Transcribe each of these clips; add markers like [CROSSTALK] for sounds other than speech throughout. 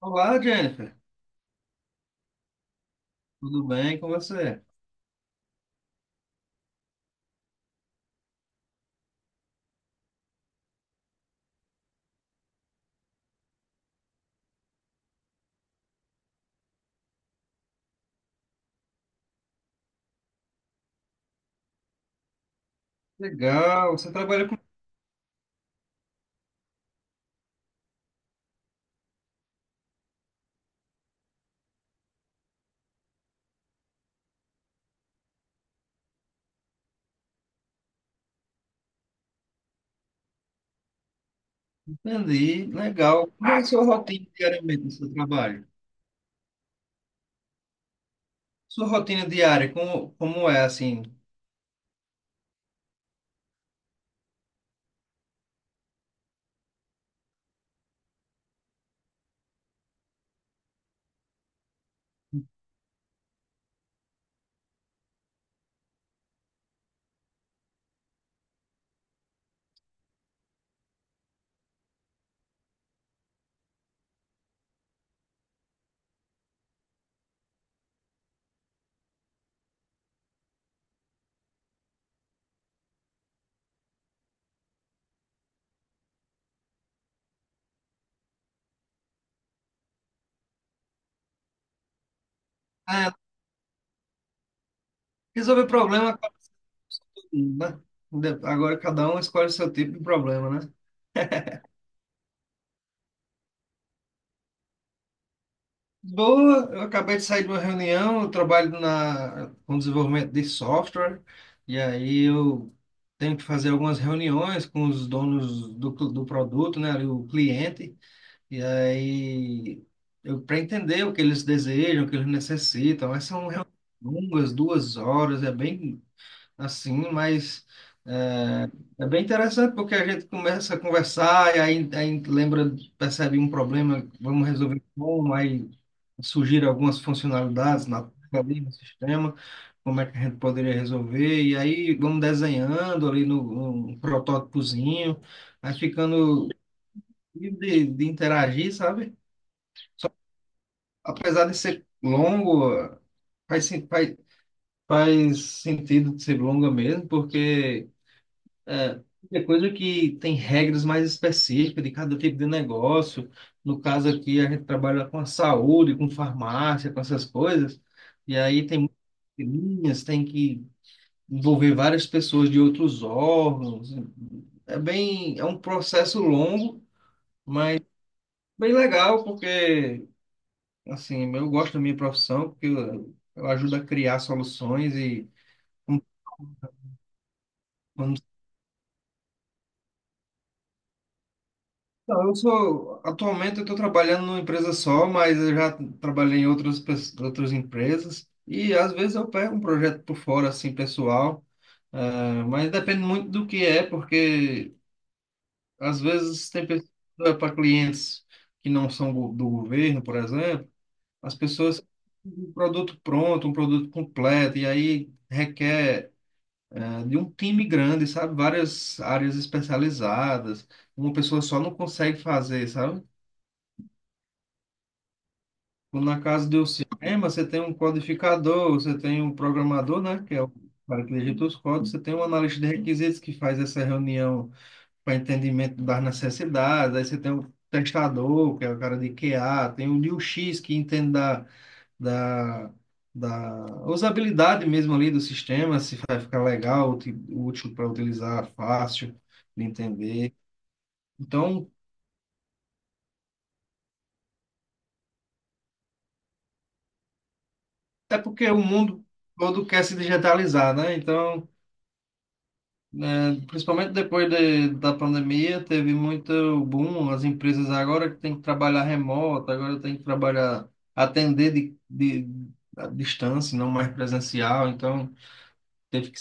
Olá, Jennifer. Tudo bem com você? Legal, você trabalha com... Entendi, legal. Como é a sua rotina diariamente no seu trabalho? Sua rotina diária, como é, assim? Ah, resolver problema, acaba todo mundo, né? Agora cada um escolhe o seu tipo de problema, né? [LAUGHS] Boa, eu acabei de sair de uma reunião, eu trabalho na, com desenvolvimento de software, e aí eu tenho que fazer algumas reuniões com os donos do produto, né, ali o cliente. E aí, eu para entender o que eles desejam, o que eles necessitam, mas são realmente longas, duas horas, é bem assim, mas é, é bem interessante porque a gente começa a conversar e aí lembra, percebe um problema, vamos resolver como, aí surgiram algumas funcionalidades na ali no sistema, como é que a gente poderia resolver, e aí vamos desenhando ali no, num protótipozinho, aí ficando livre de interagir, sabe? Apesar de ser longo, faz, sen- faz, faz sentido de ser longa mesmo, porque é, é coisa que tem regras mais específicas de cada tipo de negócio. No caso aqui, a gente trabalha com a saúde, com farmácia, com essas coisas, e aí tem muitas linhas, tem que envolver várias pessoas de outros órgãos. É bem, é um processo longo, bem legal, porque assim, eu gosto da minha profissão porque eu ajudo a criar soluções e um- um- não, eu sou atualmente eu estou trabalhando numa empresa só, mas eu já trabalhei em outras empresas e às vezes eu pego um projeto por fora assim pessoal, mas depende muito do que é porque às vezes tem pessoas para clientes que não são do governo, por exemplo, as pessoas um produto pronto, um produto completo e aí requer é, de um time grande, sabe? Várias áreas especializadas. Uma pessoa só não consegue fazer, sabe? Como na casa do cinema, você tem um codificador, você tem um programador, né? Que é o cara que digita os códigos, você tem um analista de requisitos que faz essa reunião para entendimento das necessidades, aí você tem um testador, que é o cara de QA, tem o UX que entende da, da usabilidade mesmo ali do sistema, se vai ficar legal, útil para utilizar, fácil de entender. Então, é porque o mundo todo quer se digitalizar, né? Então, né, principalmente depois da pandemia, teve muito boom, as empresas agora que tem que trabalhar remoto, agora tem que trabalhar, atender de à distância, não mais presencial, então teve que,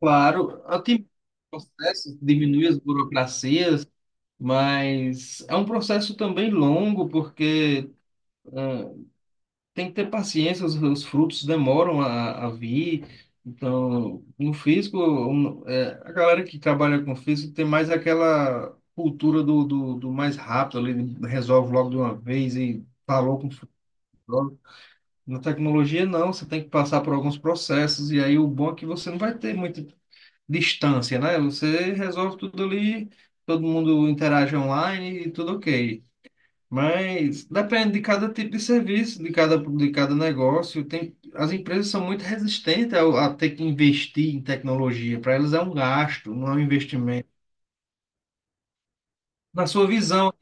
claro, otimizar os processos, diminuir as burocracias. Mas é um processo também longo, porque tem que ter paciência, os frutos demoram a vir. Então, no físico, um, é, a galera que trabalha com físico tem mais aquela cultura do mais rápido, ali, resolve logo de uma vez e falou com o futuro. Na tecnologia, não, você tem que passar por alguns processos, e aí o bom é que você não vai ter muita distância, né? Você resolve tudo ali, todo mundo interage online e tudo ok. Mas depende de cada tipo de serviço, de cada negócio. Tem, as empresas são muito resistentes a ter que investir em tecnologia. Para elas é um gasto, não é um investimento. Na sua visão,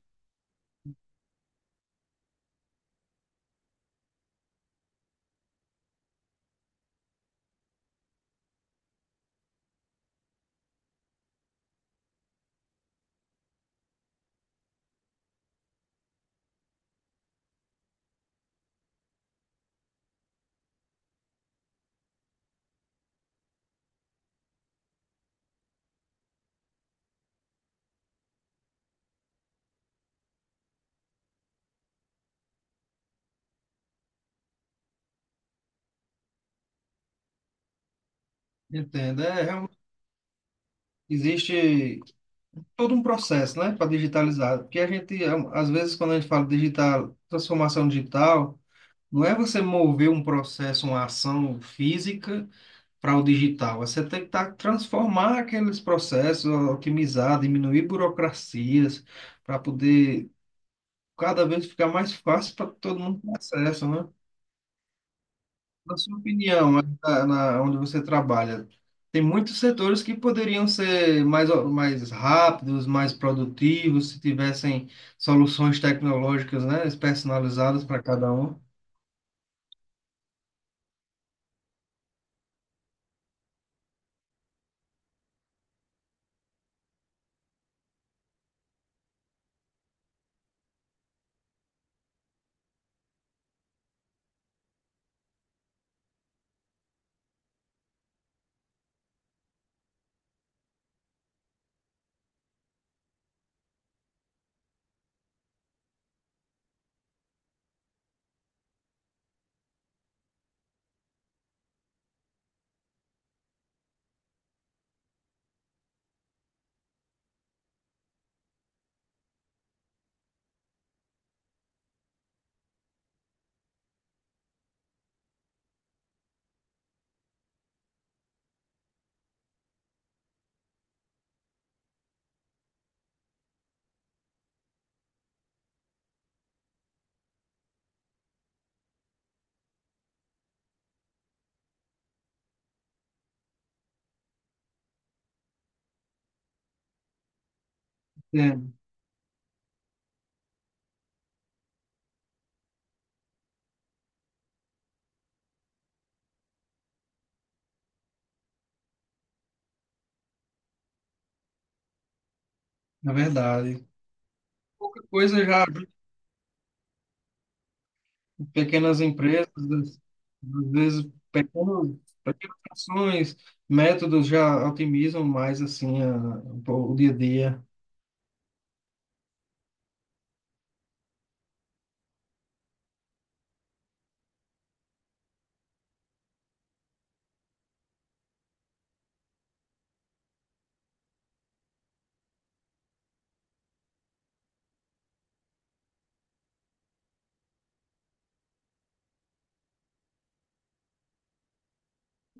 entende? É, realmente existe todo um processo, né, para digitalizar. Porque a gente, é, às vezes, quando a gente fala digital, transformação digital, não é você mover um processo, uma ação física para o digital. Você tem que tá, transformar aqueles processos, otimizar, diminuir burocracias, para poder cada vez ficar mais fácil para todo mundo ter acesso, né? Na sua opinião, onde você trabalha, tem muitos setores que poderiam ser mais, mais rápidos, mais produtivos, se tivessem soluções tecnológicas, né, personalizadas para cada um. É, na verdade. Pouca coisa já pequenas empresas, às vezes pequenos, pequenas ações, métodos já otimizam mais assim o dia a dia.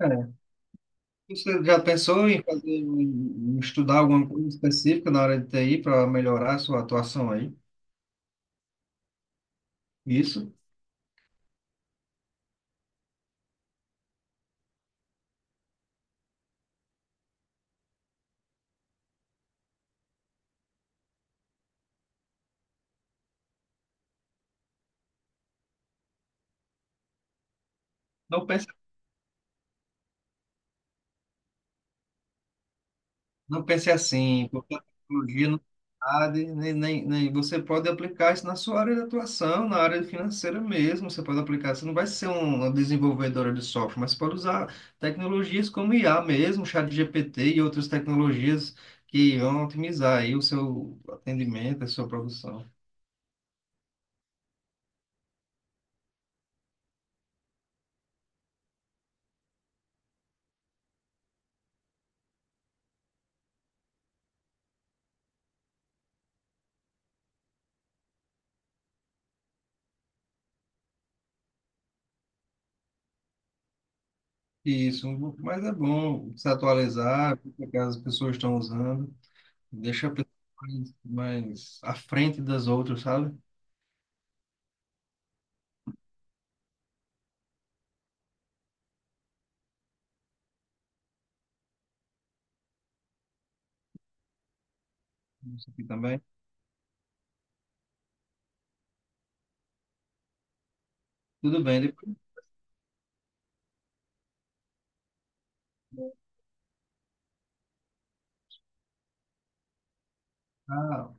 É. Você já pensou em fazer, em estudar alguma coisa específica na área de TI para melhorar a sua atuação aí? Isso? Não pense Não pense assim, porque a tecnologia não sabe, nem você pode aplicar isso na sua área de atuação, na área financeira mesmo. Você pode aplicar, você não vai ser uma desenvolvedora de software, mas você pode usar tecnologias como IA mesmo, ChatGPT e outras tecnologias que vão otimizar aí o seu atendimento, a sua produção. Isso, mas é bom se atualizar, o que as pessoas estão usando, deixa a pessoa mais, mais à frente das outras, sabe? Isso aqui também. Tudo bem. Ah,